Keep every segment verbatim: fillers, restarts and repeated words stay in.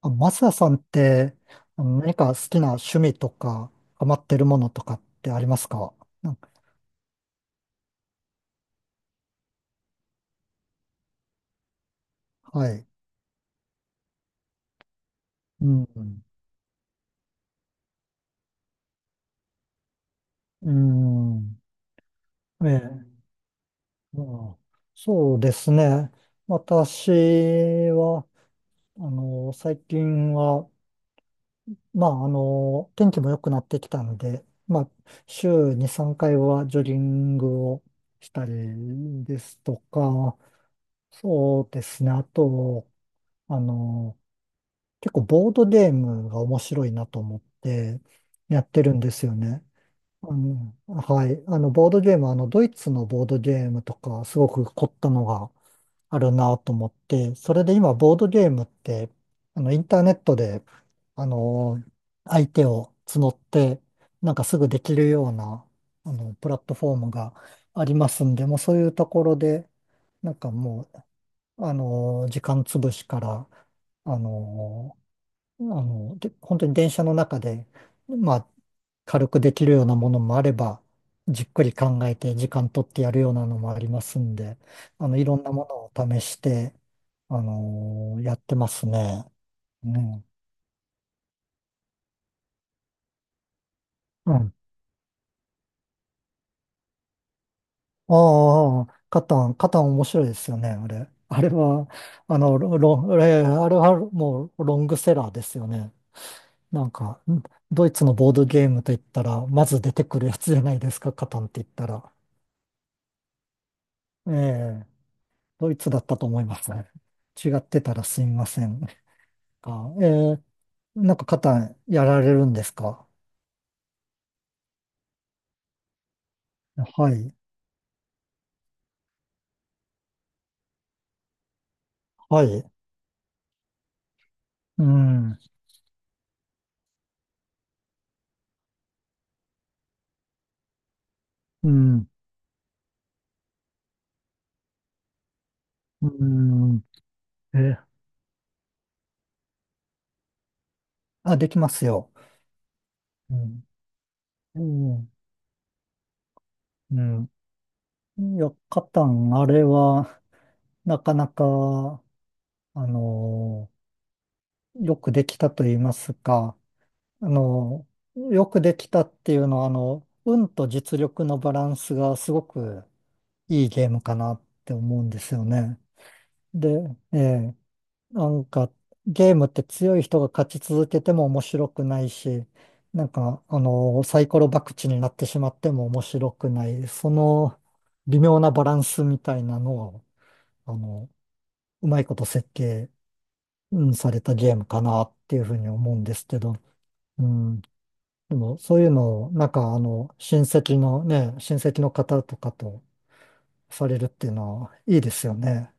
あ、マサさんって、あの何か好きな趣味とか、ハマってるものとかってありますか？なんか、はい。うん。うん。ええ。まあ、そうですね。私は、あの、最近は、まあ、あの、天気も良くなってきたんで、まあ、週に、さんかいはジョギングをしたりですとか、そうですね。あと、あの、結構ボードゲームが面白いなと思ってやってるんですよね。あの、はい。あの、ボードゲーム、あの、ドイツのボードゲームとか、すごく凝ったのがあるなと思って、それで今、ボードゲームって、あの、インターネットで、あの、相手を募って、なんかすぐできるような、あの、プラットフォームがありますんで、もうそういうところで、なんかもう、あの、時間潰しから、あのあの、で、本当に電車の中で、まあ、軽くできるようなものもあれば、じっくり考えて時間取ってやるようなのもありますんで、あの、いろんなものを試して、あのーやってますね。ね。うん。ああ、カタン、カタン面白いですよね、あれ。あれは、あの、ロロン、ああれはもうロングセラーですよね。なんか、んドイツのボードゲームといったら、まず出てくるやつじゃないですか、カタンって言ったら。ええ、ドイツだったと思いますね。違ってたらすみません。あ、えー、なんか肩やられるんですか？はい、はい。うん、うん、うん。え、あ、できますよ。うん、うん、うん。いや、肩、あれは、なかなか、あのーよくできたと言いますか、あのーよくできたっていうのは、あの、運と実力のバランスがすごくいいゲームかなって思うんですよね。で、ええ、なんかゲームって強い人が勝ち続けても面白くないし、なんかあのサイコロ博打になってしまっても面白くない、その微妙なバランスみたいなのを、あの、うまいこと設計、うん、されたゲームかなっていうふうに思うんですけど、うん、でもそういうのを、なんかあの、親戚のね、親戚の方とかとされるっていうのはいいですよね。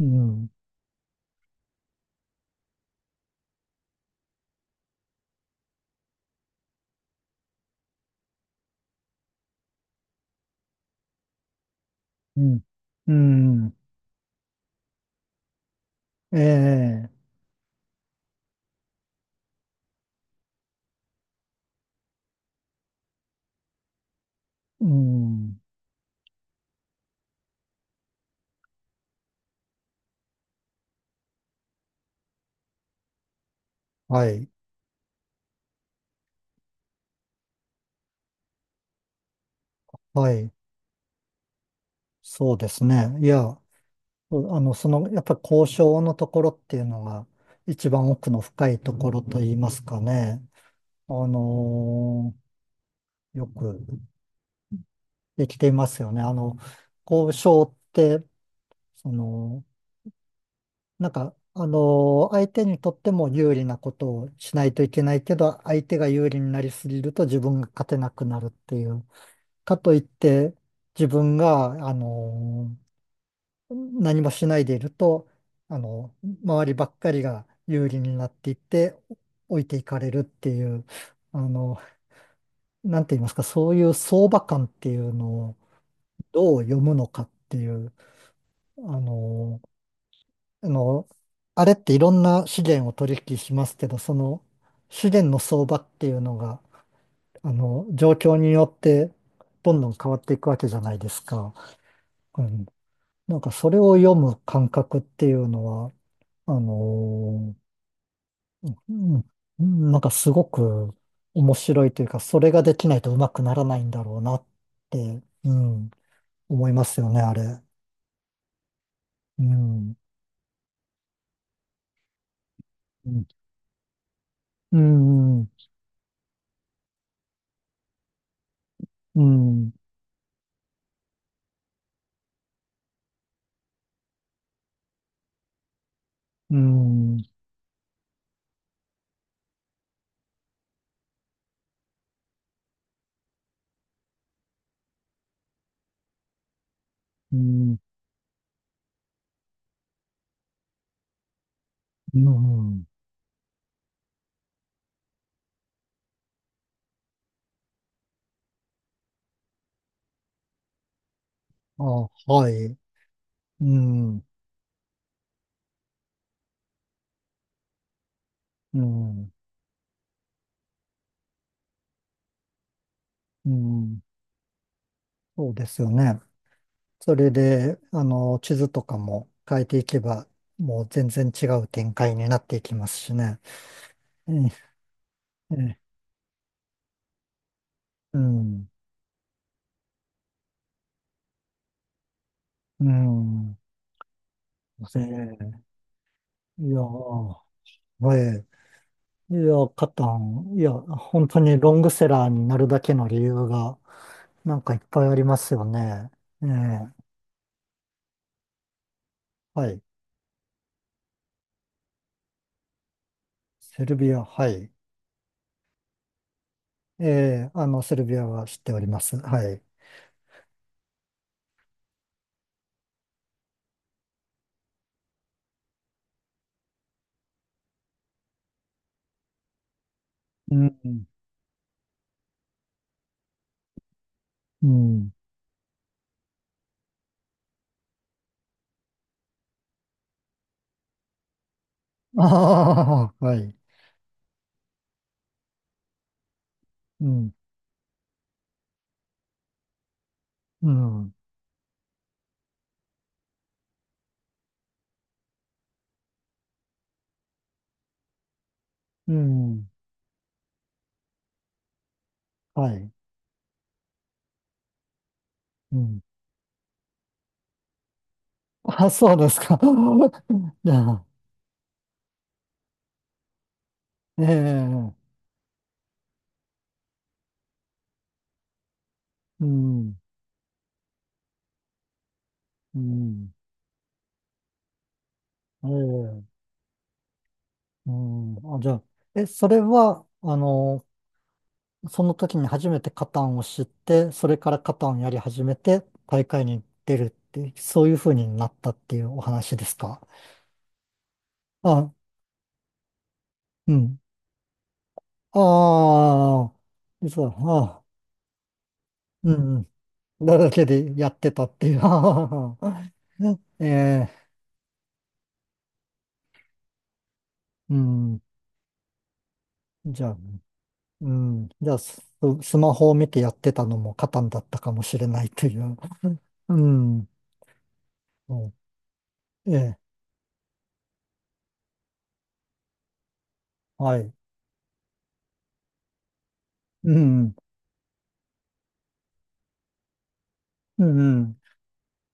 うん。うん。うん。ええ。うん。はい。はい。そうですね。いや、そうあの、その、やっぱ交渉のところっていうのが一番奥の深いところといいますかね。あのーよくできていますよね。あの、交渉って、その、なんか、あのー相手にとっても有利なことをしないといけないけど、相手が有利になりすぎると自分が勝てなくなるっていう。かといって、自分が、あの、何もしないでいると、あの、周りばっかりが有利になっていって、置いていかれるっていう、あの、なんて言いますか、そういう相場感っていうのをどう読むのかっていう、あの、あの、あれっていろんな資源を取引しますけど、その資源の相場っていうのが、あの、状況によってどんどん変わっていくわけじゃないですか。うん、なんかそれを読む感覚っていうのは、あのーうん、なんかすごく面白いというか、それができないとうまくならないんだろうなって、うん、思いますよね、あれ。うん、うん、うん、うん、うん、うん、うん、あ、はい、うん、うん、うん、そうですよね。それで、あの、地図とかも変えていけば、もう全然違う展開になっていきますしね。ええ、ええ、うん、うん。ええ、いやー、ええ、いや、カタン、いや、本当にロングセラーになるだけの理由が、なんかいっぱいありますよね。ええ、はい。セルビア、はい。ええ、あの、セルビアは知っております。はい。うん、うん。ああ、はい。うん、うん。うん。はい。うん。あ、そうですか。じゃあ、ええ、うん。うん。ええ、うん。あ、じゃあ、え、それは、あの、その時に初めてカタンを知って、それからカタンをやり始めて、大会に出るって、そういう風になったっていうお話ですか？あ、うん。ああ、実は、あ、うん。だけでやってたっていう。ええ、うん。じゃあ、うん。じゃあ、ス、スマホを見てやってたのもカタンだったかもしれないという。うん。そう、ええ、はい。うん。うん。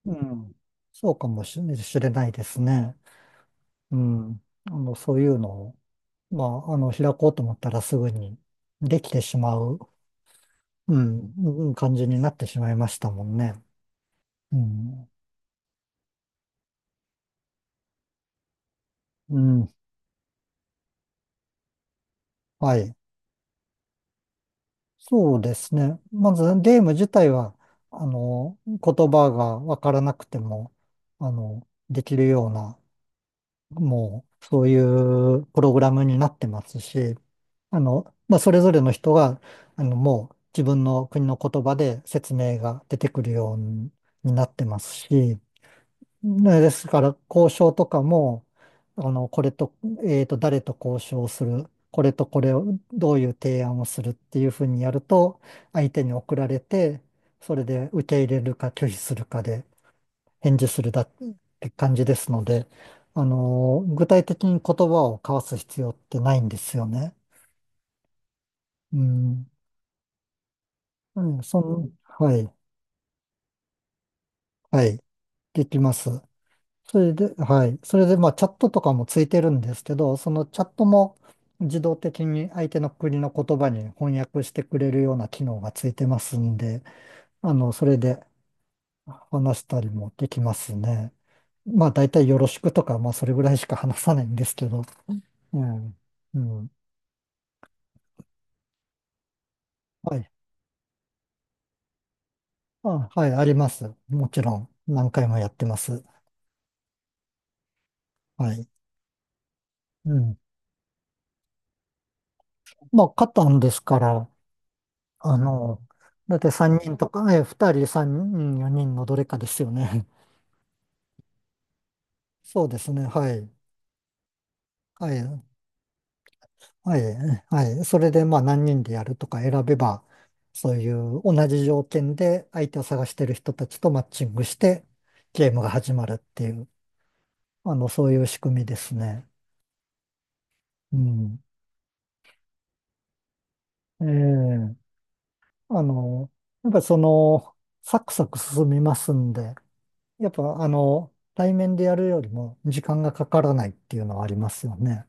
うん。そうかもししれないですね。うん。あの、そういうのを、まあ、あの、開こうと思ったらすぐにできてしまう、うん、うん、感じになってしまいましたもんね。うん。うん。はい。そうですね。まずゲーム自体は、あの、言葉がわからなくても、あの、できるような、もう、そういうプログラムになってますし、あの、まあ、それぞれの人が、あの、もう自分の国の言葉で説明が出てくるようになってますし、ね、ですから、交渉とかも、あの、これと、えっと、誰と交渉する、これとこれを、どういう提案をするっていうふうにやると、相手に送られて、それで受け入れるか拒否するかで返事するだって感じですので、あの、具体的に言葉を交わす必要ってないんですよね。うん。うん、そん、はい、はい、できます。それで、はい。それで、まあ、チャットとかもついてるんですけど、そのチャットも自動的に相手の国の言葉に翻訳してくれるような機能がついてますんで、あの、それで話したりもできますね。まあ、大体よろしくとか、まあ、それぐらいしか話さないんですけど、うん。うん。はい。あ、はい、あります。もちろん、何回もやってます。はい。うん。まあ、勝ったんですから、あの、だってさんにんとか、え、ふたり、さんにん、よにんのどれかですよね。そうですね。はい。はい。はい。はい。それで、まあ、何人でやるとか選べば、そういう同じ条件で相手を探してる人たちとマッチングして、ゲームが始まるっていう、あの、そういう仕組みですね。うん。ええ、あの、やっぱりその、サクサク進みますんで、やっぱ、あの、対面でやるよりも時間がかからないっていうのはありますよね。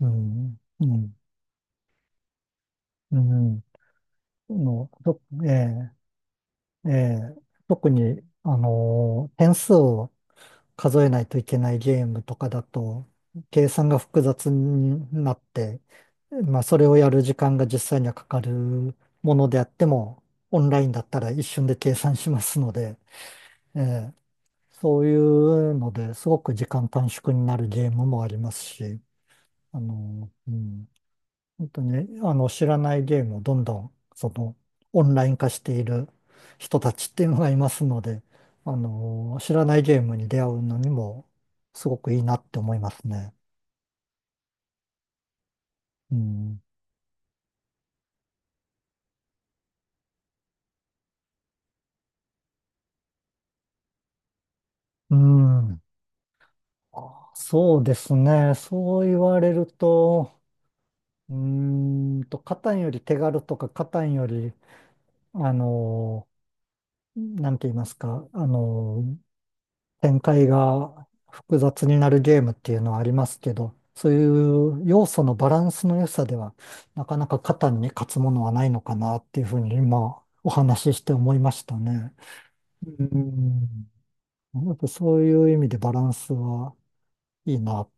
うん、うん、うん。の、と、ええ、ええ、特に、あの、点数を数えないといけないゲームとかだと、計算が複雑になって、まあ、それをやる時間が実際にはかかるものであっても、オンラインだったら一瞬で計算しますので、えーそういうのですごく時間短縮になるゲームもありますし、あの、うん、本当にあの知らないゲームをどんどんそのオンライン化している人たちっていうのがいますので、あの、知らないゲームに出会うのにもすごくいいなって思いますね。うん。うん。あ、そうですね。そう言われると、うーんと、カタンより手軽とか、カタンより、あのなんて言いますか、あの、展開が複雑になるゲームっていうのはありますけど、そういう要素のバランスの良さでは、なかなか肩に勝つものはないのかなっていうふうに今お話しして思いましたね。うん。やっぱそういう意味でバランスはいいなっ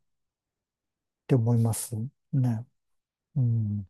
て思いますね。うん。